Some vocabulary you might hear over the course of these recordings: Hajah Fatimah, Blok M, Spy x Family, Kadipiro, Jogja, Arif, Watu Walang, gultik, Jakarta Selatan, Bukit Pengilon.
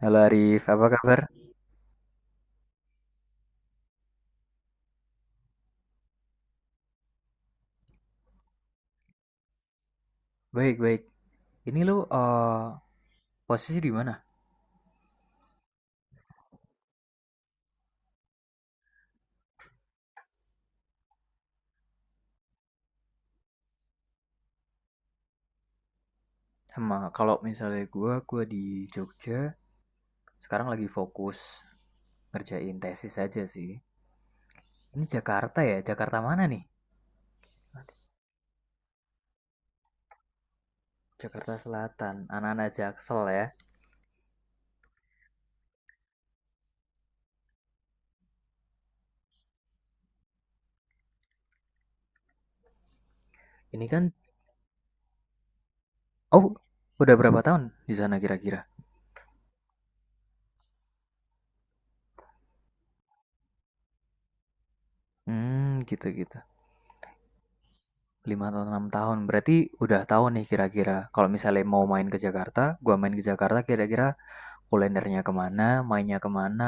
Halo Arif, apa kabar? Baik, baik. Ini lu posisi di mana? Sama kalau misalnya gua di Jogja, sekarang lagi fokus ngerjain tesis aja sih. Ini Jakarta ya, Jakarta mana nih? Jakarta Selatan, anak-anak Jaksel ya. Ini kan, oh, udah berapa tahun di sana kira-kira? Hmm, gitu-gitu. 5 atau 6 tahun. Berarti udah tahu nih kira-kira. Kalau misalnya mau main ke Jakarta, gua main ke Jakarta kira-kira kulinernya kemana, mainnya kemana,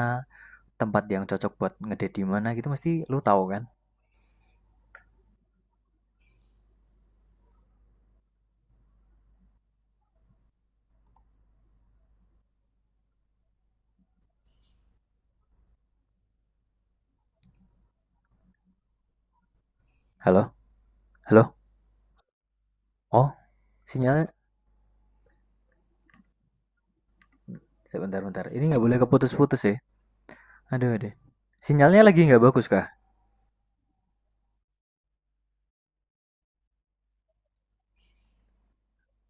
tempat yang cocok buat ngedate di mana gitu mesti lu tahu kan? Halo? Halo? Oh, sinyalnya sebentar bentar. Ini nggak boleh keputus-putus ya. Aduh aduh. Sinyalnya lagi nggak bagus kah?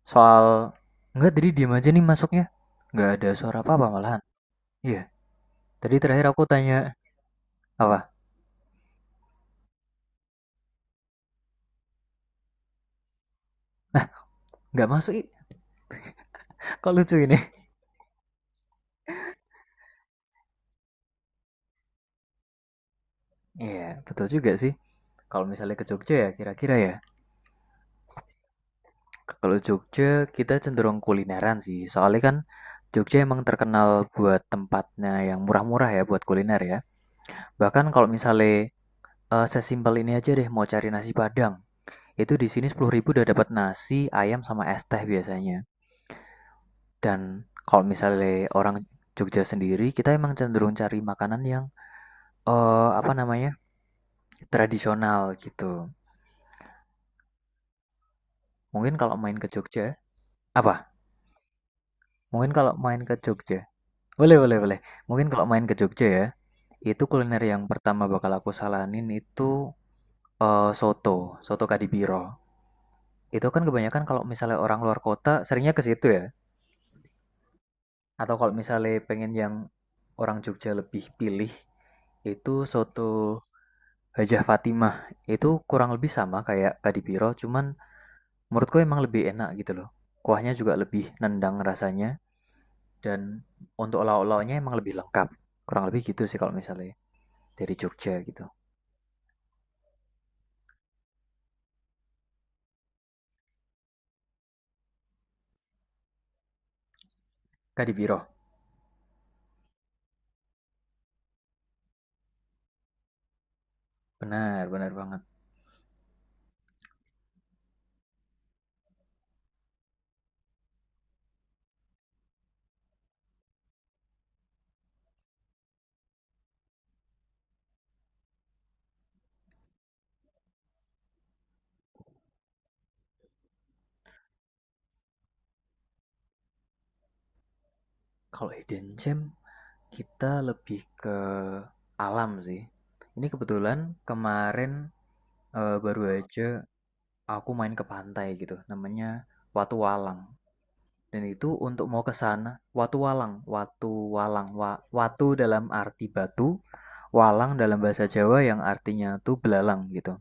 Soal nggak tadi diam aja nih masuknya. Nggak ada suara apa-apa malahan. Iya, tadi terakhir aku tanya apa? Nggak masuk. Ih. Kok lucu ini? Iya, yeah, betul juga sih. Kalau misalnya ke Jogja ya, kira-kira ya. Kalau Jogja, kita cenderung kulineran sih. Soalnya kan Jogja emang terkenal buat tempatnya yang murah-murah ya buat kuliner ya. Bahkan kalau misalnya sesimpel ini aja deh mau cari nasi Padang, itu di sini 10.000 udah dapat nasi, ayam sama es teh biasanya. Dan kalau misalnya orang Jogja sendiri, kita emang cenderung cari makanan yang apa namanya? Tradisional gitu. Mungkin kalau main ke Jogja, apa? Mungkin kalau main ke Jogja. Boleh, boleh, boleh. Mungkin kalau main ke Jogja ya, itu kuliner yang pertama bakal aku saranin itu soto Kadipiro. Itu kan kebanyakan kalau misalnya orang luar kota seringnya ke situ ya. Atau kalau misalnya pengen yang orang Jogja lebih pilih, itu soto Hajah Fatimah. Itu kurang lebih sama kayak Kadipiro, cuman menurutku emang lebih enak gitu loh. Kuahnya juga lebih nendang rasanya, dan untuk lauk-lauknya emang lebih lengkap. Kurang lebih gitu sih kalau misalnya dari Jogja gitu. Kadipiro. Benar, benar banget. Kalau hidden gem, kita lebih ke alam sih. Ini kebetulan kemarin baru aja aku main ke pantai gitu. Namanya Watu Walang. Dan itu untuk mau ke sana, Watu Walang, Watu dalam arti batu, Walang dalam bahasa Jawa yang artinya tuh belalang gitu.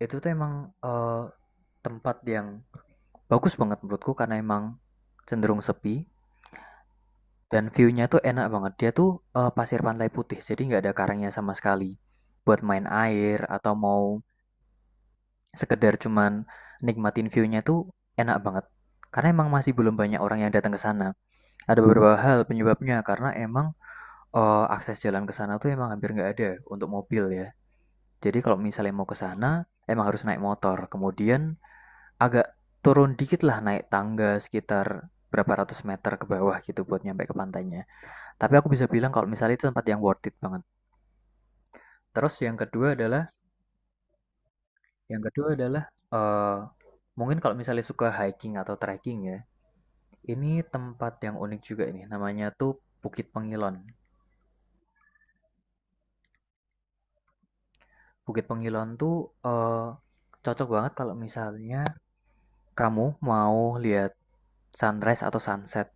Itu tuh emang tempat yang bagus banget menurutku karena emang cenderung sepi. Dan view-nya tuh enak banget. Dia tuh pasir pantai putih, jadi nggak ada karangnya sama sekali. Buat main air atau mau sekedar cuman nikmatin view-nya tuh enak banget. Karena emang masih belum banyak orang yang datang ke sana. Ada beberapa hal penyebabnya karena emang akses jalan ke sana tuh emang hampir nggak ada untuk mobil ya. Jadi kalau misalnya mau ke sana emang harus naik motor. Kemudian agak turun dikit lah naik tangga sekitar berapa ratus meter ke bawah gitu buat nyampe ke pantainya. Tapi aku bisa bilang kalau misalnya itu tempat yang worth it banget. Terus yang kedua adalah, yang kedua adalah eh mungkin kalau misalnya suka hiking atau trekking ya, ini tempat yang unik juga ini. Namanya tuh Bukit Pengilon. Bukit Pengilon tuh eh cocok banget kalau misalnya kamu mau lihat sunrise atau sunset.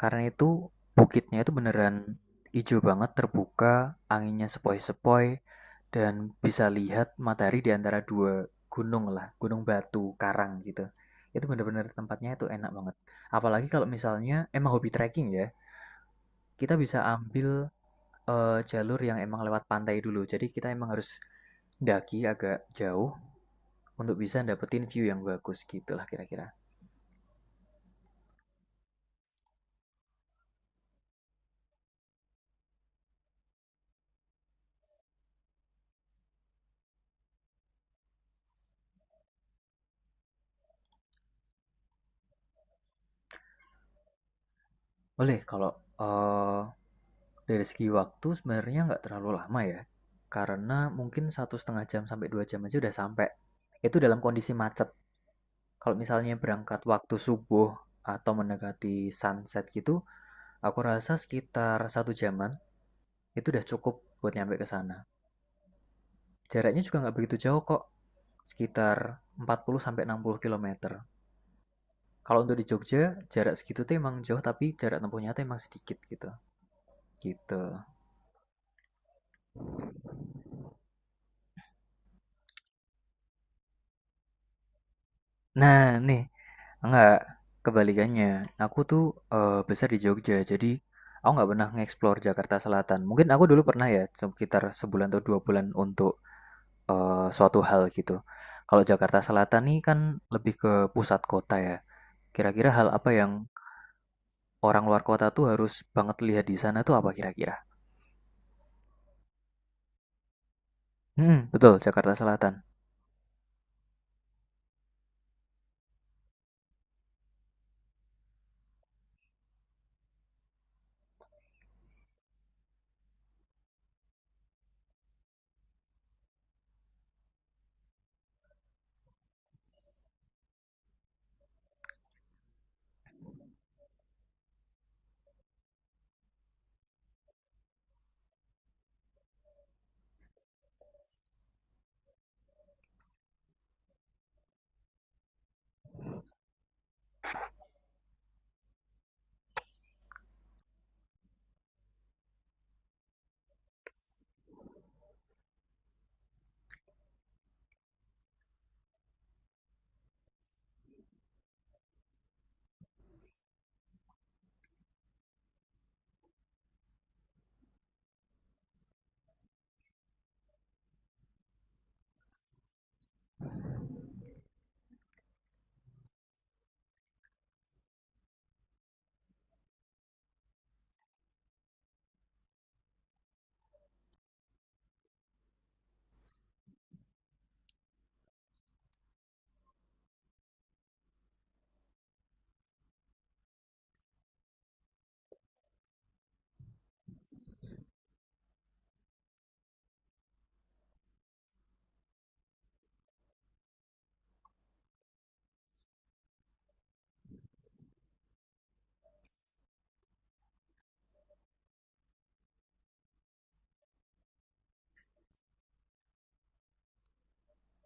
Karena itu bukitnya itu beneran hijau banget, terbuka, anginnya sepoi-sepoi, dan bisa lihat matahari di antara dua gunung lah, gunung batu, karang gitu. Itu bener-bener tempatnya itu enak banget. Apalagi kalau misalnya emang hobi trekking ya, kita bisa ambil jalur yang emang lewat pantai dulu. Jadi kita emang harus daki agak jauh untuk bisa dapetin view yang bagus gitu lah kira-kira. Boleh kalau eh, Dari segi waktu sebenarnya nggak terlalu lama ya, karena mungkin 1,5 jam sampai 2 jam aja udah sampai. Itu dalam kondisi macet. Kalau misalnya berangkat waktu subuh atau mendekati sunset gitu, aku rasa sekitar satu jaman itu udah cukup buat nyampe ke sana. Jaraknya juga nggak begitu jauh kok, sekitar 40 sampai 60 kilometer. Kalau untuk di Jogja, jarak segitu tuh emang jauh tapi jarak tempuhnya tuh emang sedikit gitu. Gitu. Nah, nih, enggak, kebalikannya. Aku tuh besar di Jogja, jadi aku nggak pernah nge-explore Jakarta Selatan. Mungkin aku dulu pernah ya, sekitar sebulan atau 2 bulan untuk suatu hal gitu. Kalau Jakarta Selatan nih kan lebih ke pusat kota ya. Kira-kira hal apa yang orang luar kota tuh harus banget lihat di sana tuh apa kira-kira? Hmm, betul, Jakarta Selatan.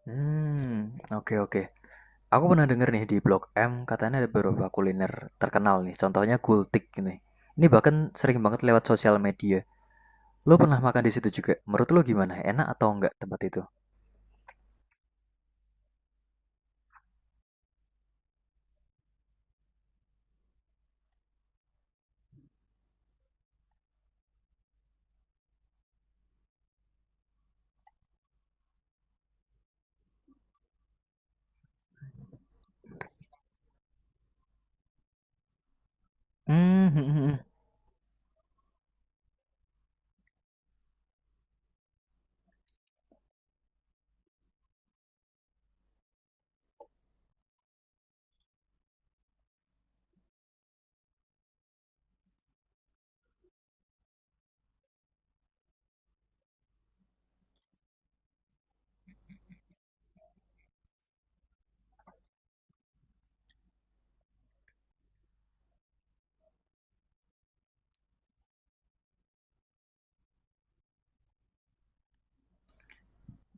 Hmm, oke oke. Aku pernah denger nih di Blog M katanya ada beberapa kuliner terkenal nih, contohnya gultik ini. Ini bahkan sering banget lewat sosial media. Lo pernah makan di situ juga? Menurut lo gimana? Enak atau enggak tempat itu? Hmm, hmm, hmm, hmm.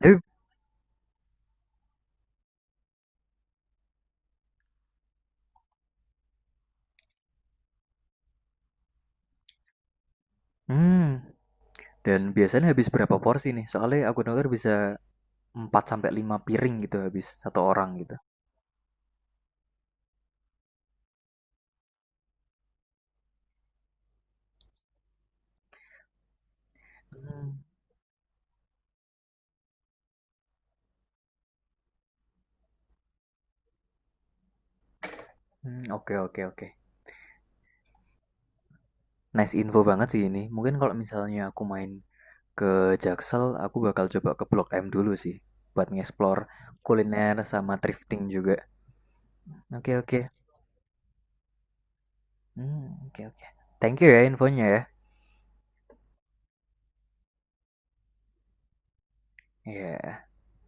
Tapi, hmm. Dan biasanya habis berapa porsi nih? Soalnya aku denger bisa 4 sampai 5 piring gitu habis satu orang gitu. Hmm, hmm, oke, oke, oke. Nice info banget sih ini. Mungkin kalau misalnya aku main ke Jaksel aku bakal coba ke Blok M dulu sih buat ngeksplor kuliner sama thrifting juga. Oke oke. Hmm, oke oke. Thank you ya infonya ya. Iya. Yeah.